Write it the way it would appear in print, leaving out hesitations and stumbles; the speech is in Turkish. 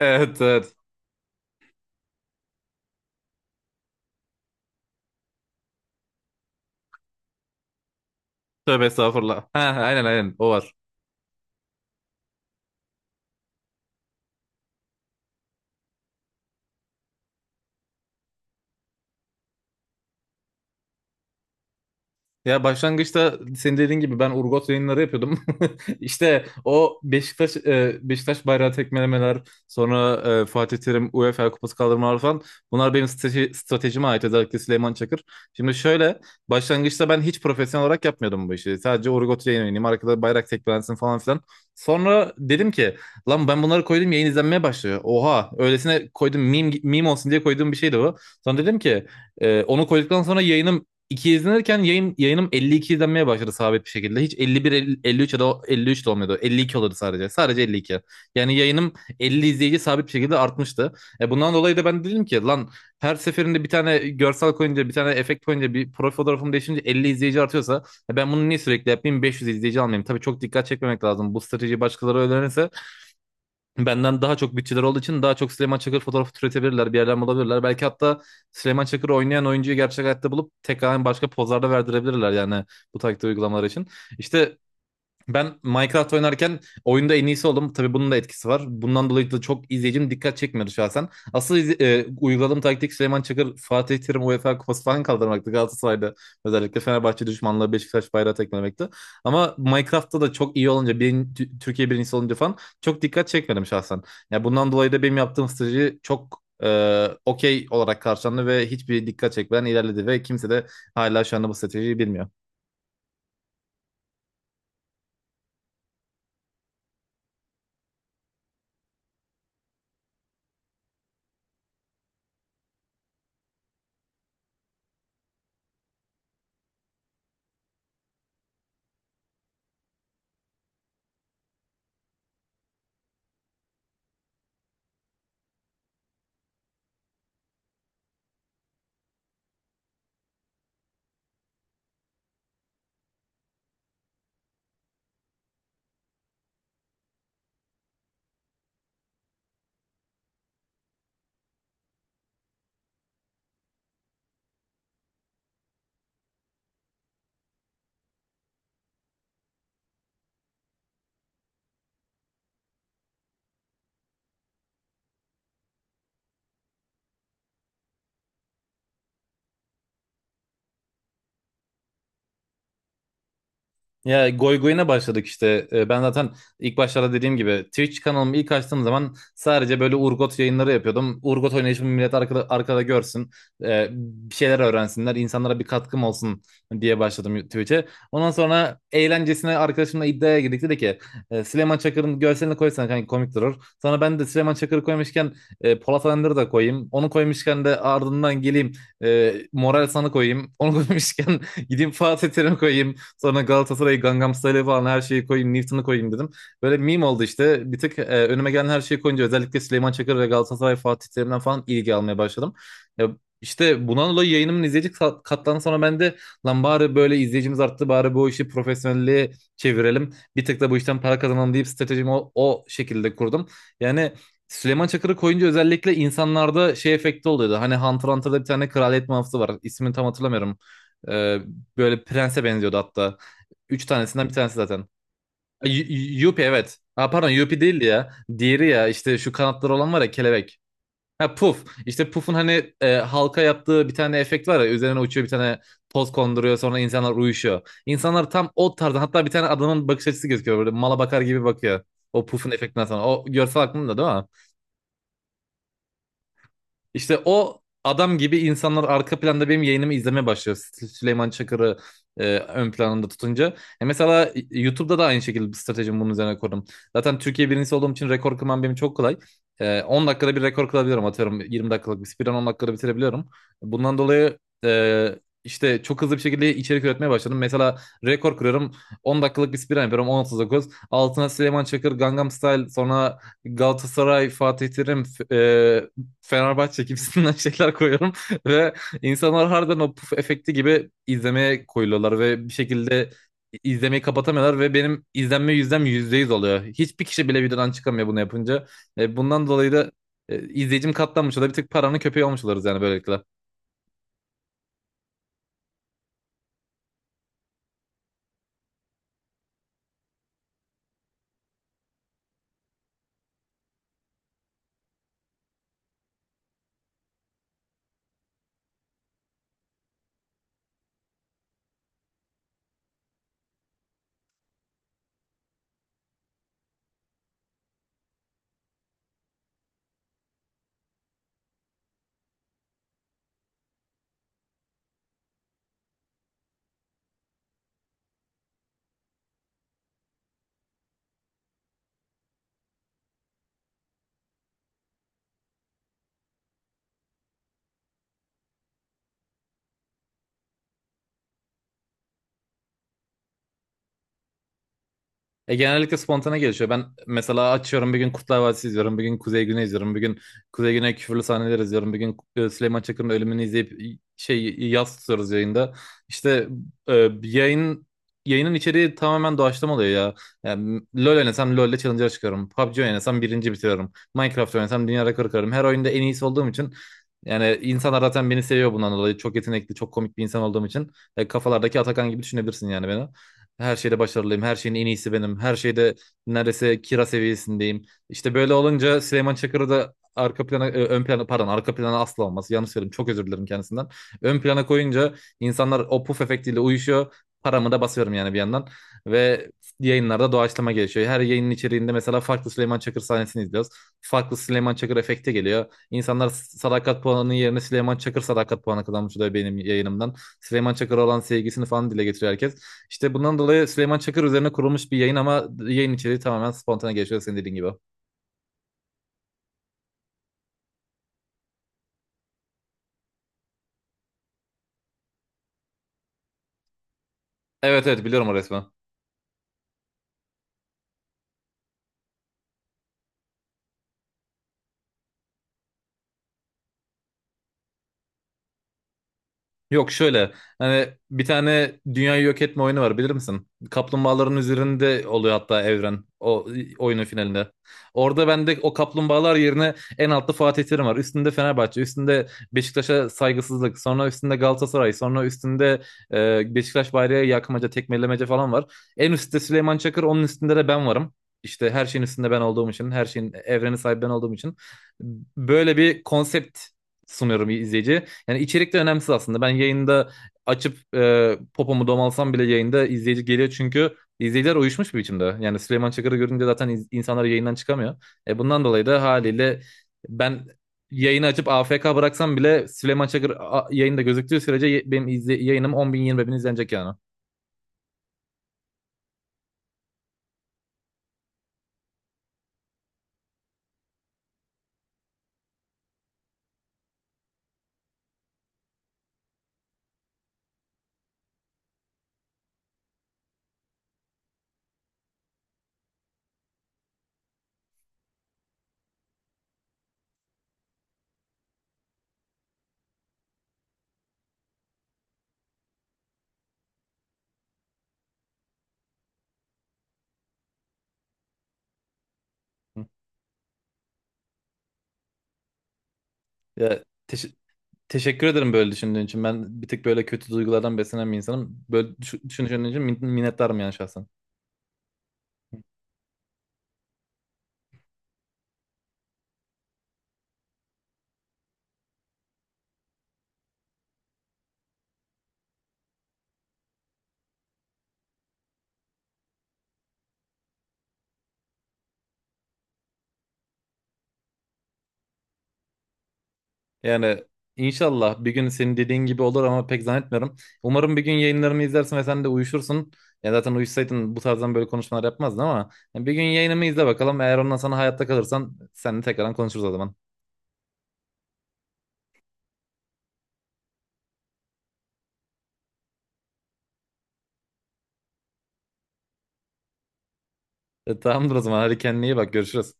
Evet evet. Tövbe estağfurullah. Ha, aynen aynen o var. Ya başlangıçta senin dediğin gibi ben Urgot yayınları yapıyordum. İşte o Beşiktaş bayrağı tekmelemeler, sonra Fatih Terim UEFA kupası kaldırmalar falan. Bunlar benim stratejime ait özellikle Süleyman Çakır. Şimdi şöyle başlangıçta ben hiç profesyonel olarak yapmıyordum bu işi. Sadece Urgot yayın oynayayım, arkada bayrak tekmelensin falan filan. Sonra dedim ki lan ben bunları koydum yayın izlenmeye başlıyor. Oha öylesine koydum meme olsun diye koyduğum bir şeydi bu. Sonra dedim ki onu koyduktan sonra yayınım 2 izlenirken yayınım 52 izlenmeye başladı sabit bir şekilde. Hiç 51, 50, 53 ya da 53 de olmuyordu. 52 olurdu sadece. Sadece 52. Yani yayınım 50 izleyici sabit bir şekilde artmıştı. E bundan dolayı da ben dedim ki lan her seferinde bir tane görsel koyunca, bir tane efekt koyunca, bir profil fotoğrafım değişince 50 izleyici artıyorsa ben bunu niye sürekli yapayım? 500 izleyici almayayım. Tabii çok dikkat çekmemek lazım. Bu strateji başkaları öğrenirse benden daha çok bütçeler olduğu için daha çok Süleyman Çakır fotoğrafı türetebilirler. Bir yerden bulabilirler. Belki hatta Süleyman Çakır oynayan oyuncuyu gerçek hayatta bulup tekrar başka pozlarda verdirebilirler yani bu taktik uygulamalar için. İşte ben Minecraft oynarken oyunda en iyisi oldum. Tabii bunun da etkisi var. Bundan dolayı da çok izleyicim dikkat çekmiyordu şahsen. Asıl uyguladığım taktik Süleyman Çakır, Fatih Terim UEFA Kupası falan kaldırmaktı. Galatasaray'da özellikle Fenerbahçe düşmanlığı Beşiktaş bayrağı tekmelemekti. Ama Minecraft'ta da çok iyi olunca, Türkiye birincisi olunca falan çok dikkat çekmedim şahsen. Ya bundan dolayı da benim yaptığım strateji çok okey olarak karşılandı ve hiçbir dikkat çekmeden ilerledi ve kimse de hala şu anda bu stratejiyi bilmiyor. Ya goy goyuna başladık işte. Ben zaten ilk başlarda dediğim gibi Twitch kanalımı ilk açtığım zaman sadece böyle Urgot yayınları yapıyordum. Urgot oynayışımı millet arkada görsün. Bir şeyler öğrensinler. İnsanlara bir katkım olsun diye başladım Twitch'e. Ondan sonra eğlencesine arkadaşımla iddiaya girdik. Dedi ki: Süleyman Çakır'ın görselini koysan kanka komik durur." Sonra ben de Süleyman Çakır'ı koymuşken Polat Alemdar'ı da koyayım. Onu koymuşken de ardından geleyim Moral San'ı koyayım. Onu koymuşken gideyim Fatih Terim'i koyayım. Sonra Galatasaray'ı, Gangnam Style'ı falan her şeyi koyayım. Newton'u koyayım dedim. Böyle meme oldu işte. Bir tık önüme gelen her şeyi koyunca özellikle Süleyman Çakır ve Galatasaray Fatih Terim'den falan ilgi almaya başladım. Ya işte bundan dolayı yayınımın izleyici katlarına sonra ben de lan bari böyle izleyicimiz arttı bari bu işi profesyonelliğe çevirelim. Bir tık da bu işten para kazanalım deyip stratejimi o şekilde kurdum. Yani Süleyman Çakır'ı koyunca özellikle insanlarda şey efekti oluyordu. Hani Hunter Hunter'da bir tane kraliyet muhafızı var. İsmini tam hatırlamıyorum. Ee, Böyle prense benziyordu hatta. Üç tanesinden bir tanesi zaten. Yuppie evet. Ha, pardon Yuppie değildi ya. Diğeri ya işte şu kanatları olan var ya kelebek. Ha Puff. İşte Puff'un hani halka yaptığı bir tane efekt var ya. Üzerine uçuyor bir tane toz konduruyor sonra insanlar uyuşuyor. İnsanlar tam o tarzda hatta bir tane adamın bakış açısı gözüküyor. Böyle mala bakar gibi bakıyor. O Puff'un efektinden sonra. O görsel aklımda değil mi? İşte o adam gibi insanlar arka planda benim yayınımı izlemeye başlıyor. Süleyman Çakır'ı ön planında tutunca. E mesela YouTube'da da aynı şekilde bir stratejimi bunun üzerine kurdum. Zaten Türkiye birincisi olduğum için rekor kırmam benim çok kolay. 10 dakikada bir rekor kırabiliyorum atıyorum. 20 dakikalık bir speedrun 10 dakikada bitirebiliyorum. Bundan dolayı e, işte çok hızlı bir şekilde içerik üretmeye başladım. Mesela rekor kırıyorum. 10 dakikalık bir speedrun yapıyorum. 10.39. Altına Süleyman Çakır, Gangnam Style, sonra Galatasaray, Fatih Terim, Fenerbahçe gibisinden şeyler koyuyorum ve insanlar harbiden o puf efekti gibi izlemeye koyuluyorlar ve bir şekilde izlemeyi kapatamıyorlar ve benim izlenme yüzdem yüzde yüz oluyor. Hiçbir kişi bile videodan çıkamıyor bunu yapınca. Bundan dolayı da izleyicim katlanmış oluyor. Bir tık paranın köpeği olmuş oluruz yani böylelikle. Genellikle spontane gelişiyor. Ben mesela açıyorum bir gün Kurtlar Vadisi izliyorum. Bir gün Kuzey Güney izliyorum. Bir gün Kuzey Güney küfürlü sahneler izliyorum. Bir gün Süleyman Çakır'ın ölümünü izleyip şey yaz tutuyoruz yayında. İşte e, yayın yayının içeriği tamamen doğaçlama oluyor ya. Yani, LoL oynasam LoL'de challenge'a çıkıyorum. PUBG oynasam birinci bitiriyorum. Minecraft oynasam dünya rekoru kırarım. Her oyunda en iyisi olduğum için yani insanlar zaten beni seviyor bundan dolayı. Çok yetenekli, çok komik bir insan olduğum için. Kafalardaki Atakan gibi düşünebilirsin yani beni. Her şeyde başarılıyım. Her şeyin en iyisi benim. Her şeyde neredeyse kira seviyesindeyim. İşte böyle olunca Süleyman Çakır'ı da arka plana, ön plana pardon arka plana asla olmaz. Yanlış söyledim. Çok özür dilerim kendisinden. Ön plana koyunca insanlar o puf efektiyle uyuşuyor. Paramı da basıyorum yani bir yandan. Ve yayınlarda doğaçlama gelişiyor. Her yayının içeriğinde mesela farklı Süleyman Çakır sahnesini izliyoruz. Farklı Süleyman Çakır efekti geliyor. İnsanlar sadakat puanının yerine Süleyman Çakır sadakat puanı kazanmış oluyor benim yayınımdan. Süleyman Çakır'a olan sevgisini falan dile getiriyor herkes. İşte bundan dolayı Süleyman Çakır üzerine kurulmuş bir yayın ama yayın içeriği tamamen spontane gelişiyor senin dediğin gibi. Evet evet biliyorum o resmi. Yok şöyle hani bir tane dünyayı yok etme oyunu var bilir misin? Kaplumbağaların üzerinde oluyor hatta evren o oyunun finalinde. Orada bende o kaplumbağalar yerine en altta Fatih Terim var. Üstünde Fenerbahçe, üstünde Beşiktaş'a saygısızlık, sonra üstünde Galatasaray, sonra üstünde Beşiktaş bayrağı yakmaca, tekmelemece falan var. En üstte Süleyman Çakır, onun üstünde de ben varım. İşte her şeyin üstünde ben olduğum için, her şeyin evreni sahibi ben olduğum için. Böyle bir konsept sunuyorum izleyiciye. Yani içerik de önemsiz aslında. Ben yayında açıp popomu domalsam bile yayında izleyici geliyor çünkü izleyiciler uyuşmuş bir biçimde. Yani Süleyman Çakır'ı görünce zaten insanlar yayından çıkamıyor. Bundan dolayı da haliyle ben yayını açıp AFK bıraksam bile Süleyman Çakır yayında gözüktüğü sürece benim yayınım 10 bin 20 bin izlenecek yani. Hı. Ya, teşekkür ederim böyle düşündüğün için. Ben bir tık böyle kötü duygulardan beslenen bir insanım. Böyle düşündüğün için minnettarım yani şahsen. Yani inşallah bir gün senin dediğin gibi olur ama pek zannetmiyorum. Umarım bir gün yayınlarımı izlersin ve sen de uyuşursun. Ya zaten uyuşsaydın bu tarzdan böyle konuşmalar yapmazdın ama yani bir gün yayınımı izle bakalım. Eğer ondan sonra hayatta kalırsan seninle tekrardan konuşuruz o zaman. Tamamdır o zaman. Hadi kendine iyi bak. Görüşürüz.